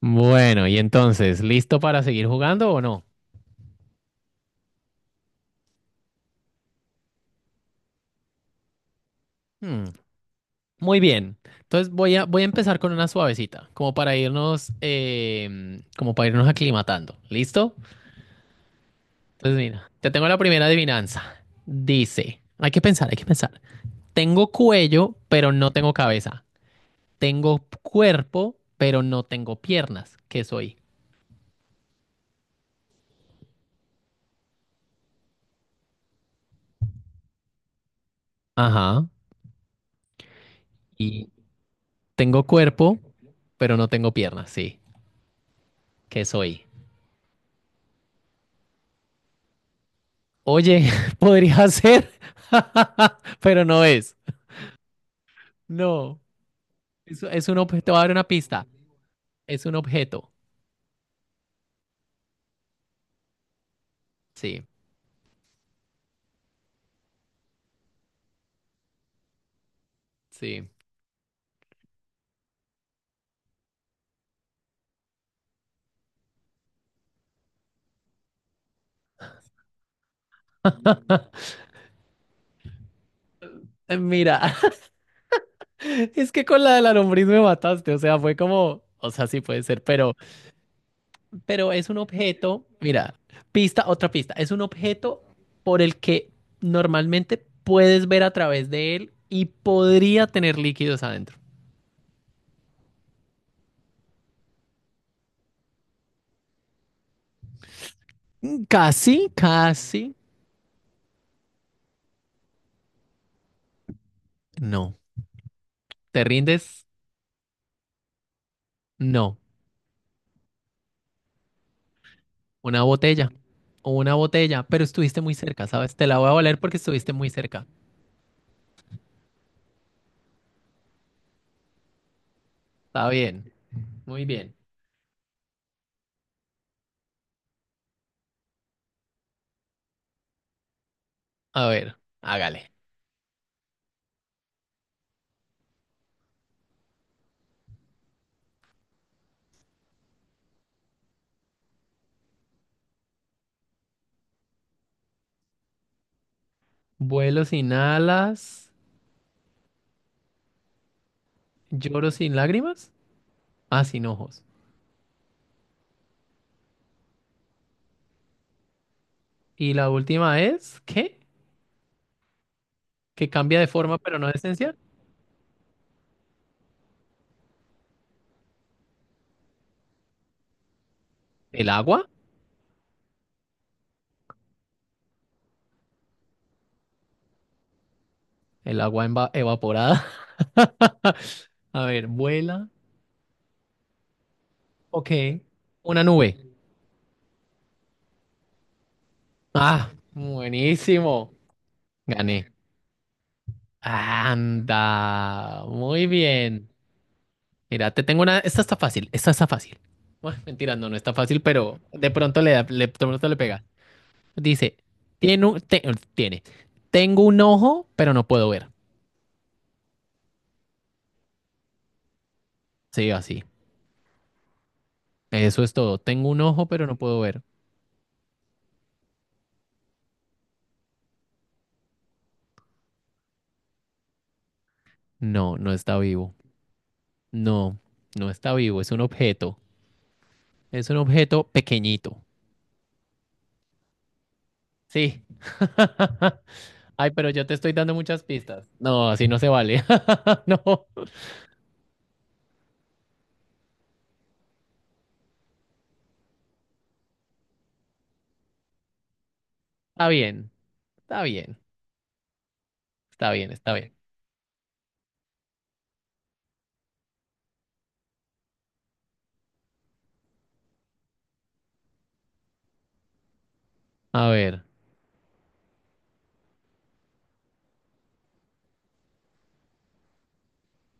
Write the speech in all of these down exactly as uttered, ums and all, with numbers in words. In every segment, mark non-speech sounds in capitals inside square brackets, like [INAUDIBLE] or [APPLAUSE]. Bueno, y entonces, ¿listo para seguir jugando o no? Hmm, muy bien. Entonces voy a, voy a empezar con una suavecita, como para irnos, em, como para irnos aclimatando. ¿Listo? Entonces, mira, te tengo la primera adivinanza. Dice, hay que pensar, hay que pensar. Tengo cuello, pero no tengo cabeza. Tengo cuerpo, pero no tengo piernas. ¿Qué soy? Ajá. Y tengo cuerpo, pero no tengo piernas, sí. ¿Qué soy? Oye, [LAUGHS] podría ser, [LAUGHS] pero no es. No, es, es un objeto. Te voy a dar una pista. Es un objeto. Sí, sí. [LAUGHS] Mira, [LAUGHS] es que con la de la lombriz me mataste. O sea, fue como, o sea, sí puede ser, pero, pero es un objeto. Mira, pista, otra pista. Es un objeto por el que normalmente puedes ver a través de él y podría tener líquidos adentro. Casi, casi. No. ¿Te rindes? No. Una botella. O una botella, pero estuviste muy cerca, ¿sabes? Te la voy a valer porque estuviste muy cerca. Está bien, muy bien. A ver, hágale. Vuelo sin alas, lloro sin lágrimas, ah, sin ojos. Y la última es, ¿qué? Que cambia de forma, pero no de esencia. ¿El agua? El agua eva- evaporada. [LAUGHS] A ver, vuela. Ok. Una nube. Ah, buenísimo. Gané. Anda. Muy bien. Mira, te tengo una. Esta está fácil, esta está fácil. Bueno, mentira, no, no está fácil, pero de pronto le da, le- de pronto le pega. Dice, tiene un, te- eh, tiene, tengo un ojo, pero no puedo ver. Sí, así. Eso es todo. Tengo un ojo, pero no puedo ver. No, no está vivo. No, no está vivo. Es un objeto. Es un objeto pequeñito. Sí. [LAUGHS] Ay, pero yo te estoy dando muchas pistas. No, así no se vale. [LAUGHS] No. Está bien. Está bien. Está bien, está bien. A ver.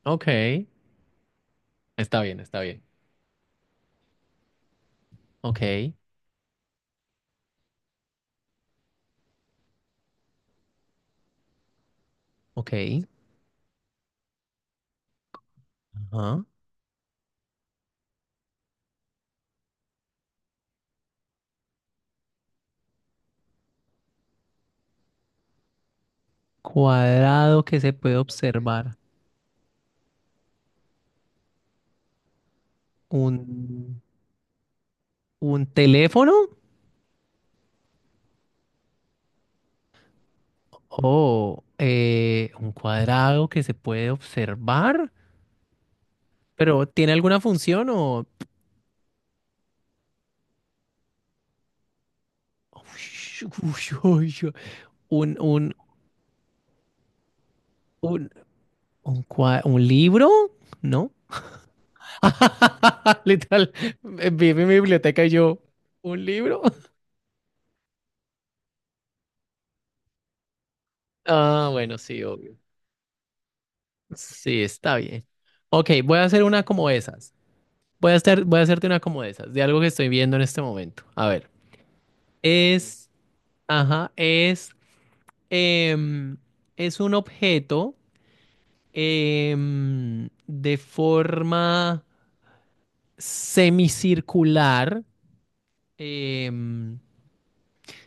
Ok, está bien, está bien. Ok, Ok. Ajá. Cuadrado que se puede observar. Un, un teléfono o eh, un cuadrado que se puede observar. Pero ¿tiene alguna función o... Ush, ush, ush, ush. un, un, un, un, cua- un libro, ¿no? [LAUGHS] Literal, vi mi biblioteca y yo, ¿un libro? [LAUGHS] Ah, bueno, sí, ok. Sí, está bien. Ok, voy a hacer una como esas. Voy a hacer, voy a hacerte una como esas, de algo que estoy viendo en este momento. A ver, es, ajá, es, em, es un objeto em, de forma semicircular. em,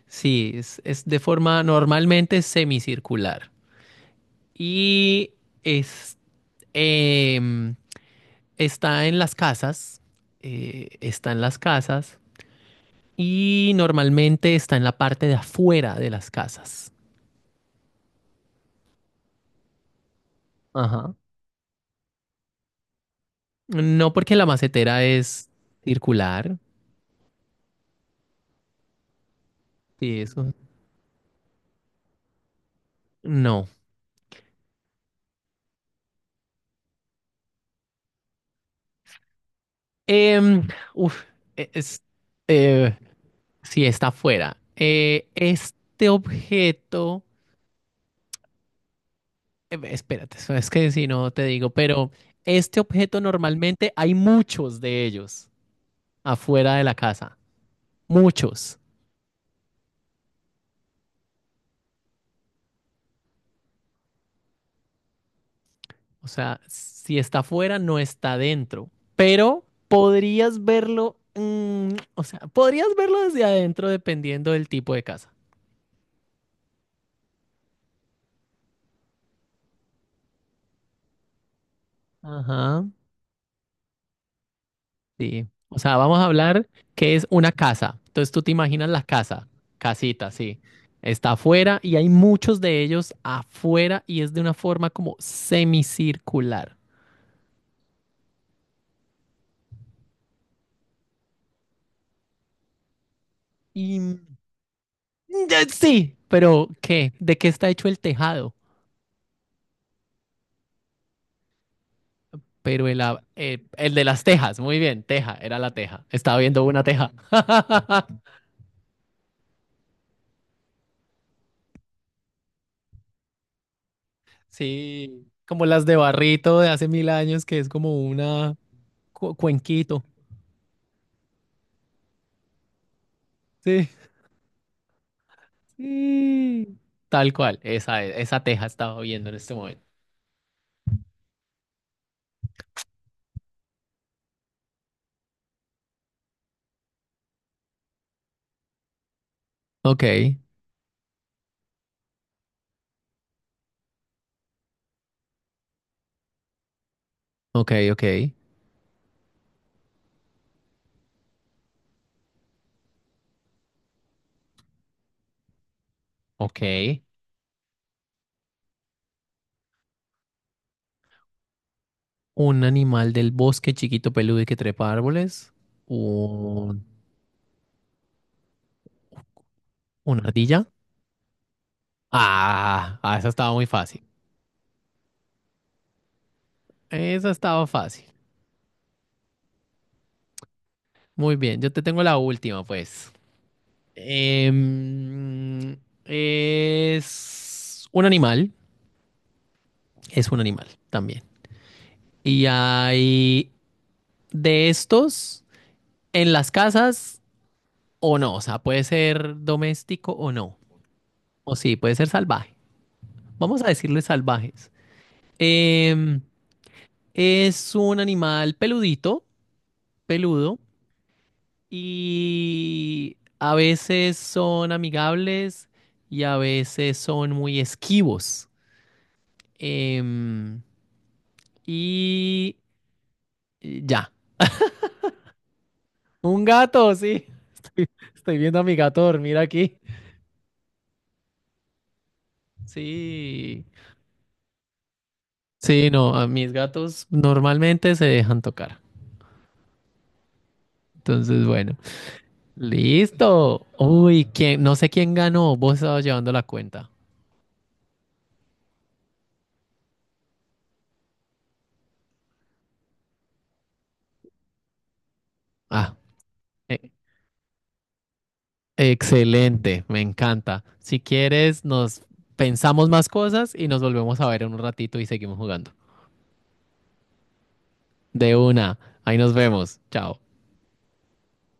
sí, es, es de forma normalmente semicircular. Y es, em, Está en las casas, eh, está en las casas y normalmente está en la parte de afuera de las casas. Ajá. No porque la macetera es circular, sí, eso. No. Em, uf, e- es, eh, sí, está afuera. Eh, este objeto, eh, espérate, eso es que si no te digo, pero este objeto normalmente hay muchos de ellos afuera de la casa. Muchos. O sea, si está afuera, no está dentro. Pero podrías verlo, mm, o sea, podrías verlo desde adentro dependiendo del tipo de casa. Ajá, sí. O sea, vamos a hablar que es una casa. Entonces tú te imaginas la casa, casita, sí. Está afuera y hay muchos de ellos afuera y es de una forma como semicircular. Y mm, ya- sí, pero ¿qué? ¿De qué está hecho el tejado? Pero el, a- eh, el de las tejas, muy bien, teja, era la teja. Estaba viendo una teja. [LAUGHS] Sí, como las de Barrito de hace mil años, que es como una cu- cuenquito. Sí, sí. Tal cual, esa, esa teja estaba viendo en este momento. Ok, ok, ok, ok. Un animal del bosque chiquito peludo y que trepa árboles. Un, una ardilla. Ah, ah, esa estaba muy fácil. Esa estaba fácil. Muy bien, yo te tengo la última, pues. Em, es un animal, es un animal también. Y hay de estos en las casas o no, o sea, puede ser doméstico o no, o sí, puede ser salvaje. Vamos a decirle salvajes. Em, es un animal peludito, peludo, y a veces son amigables y a veces son muy esquivos. Em, y y ya. Un gato, sí. [LAUGHS] Estoy, estoy viendo a mi gato dormir aquí. Sí. Sí, no, a mis gatos normalmente se dejan tocar. Entonces, bueno. Listo. Uy, ¿quién? No sé quién ganó. Vos estabas llevando la cuenta. Ah. eh, Excelente, me encanta. Si quieres, nos pensamos más cosas y nos volvemos a ver en un ratito y seguimos jugando. De una, ahí nos vemos. Chao.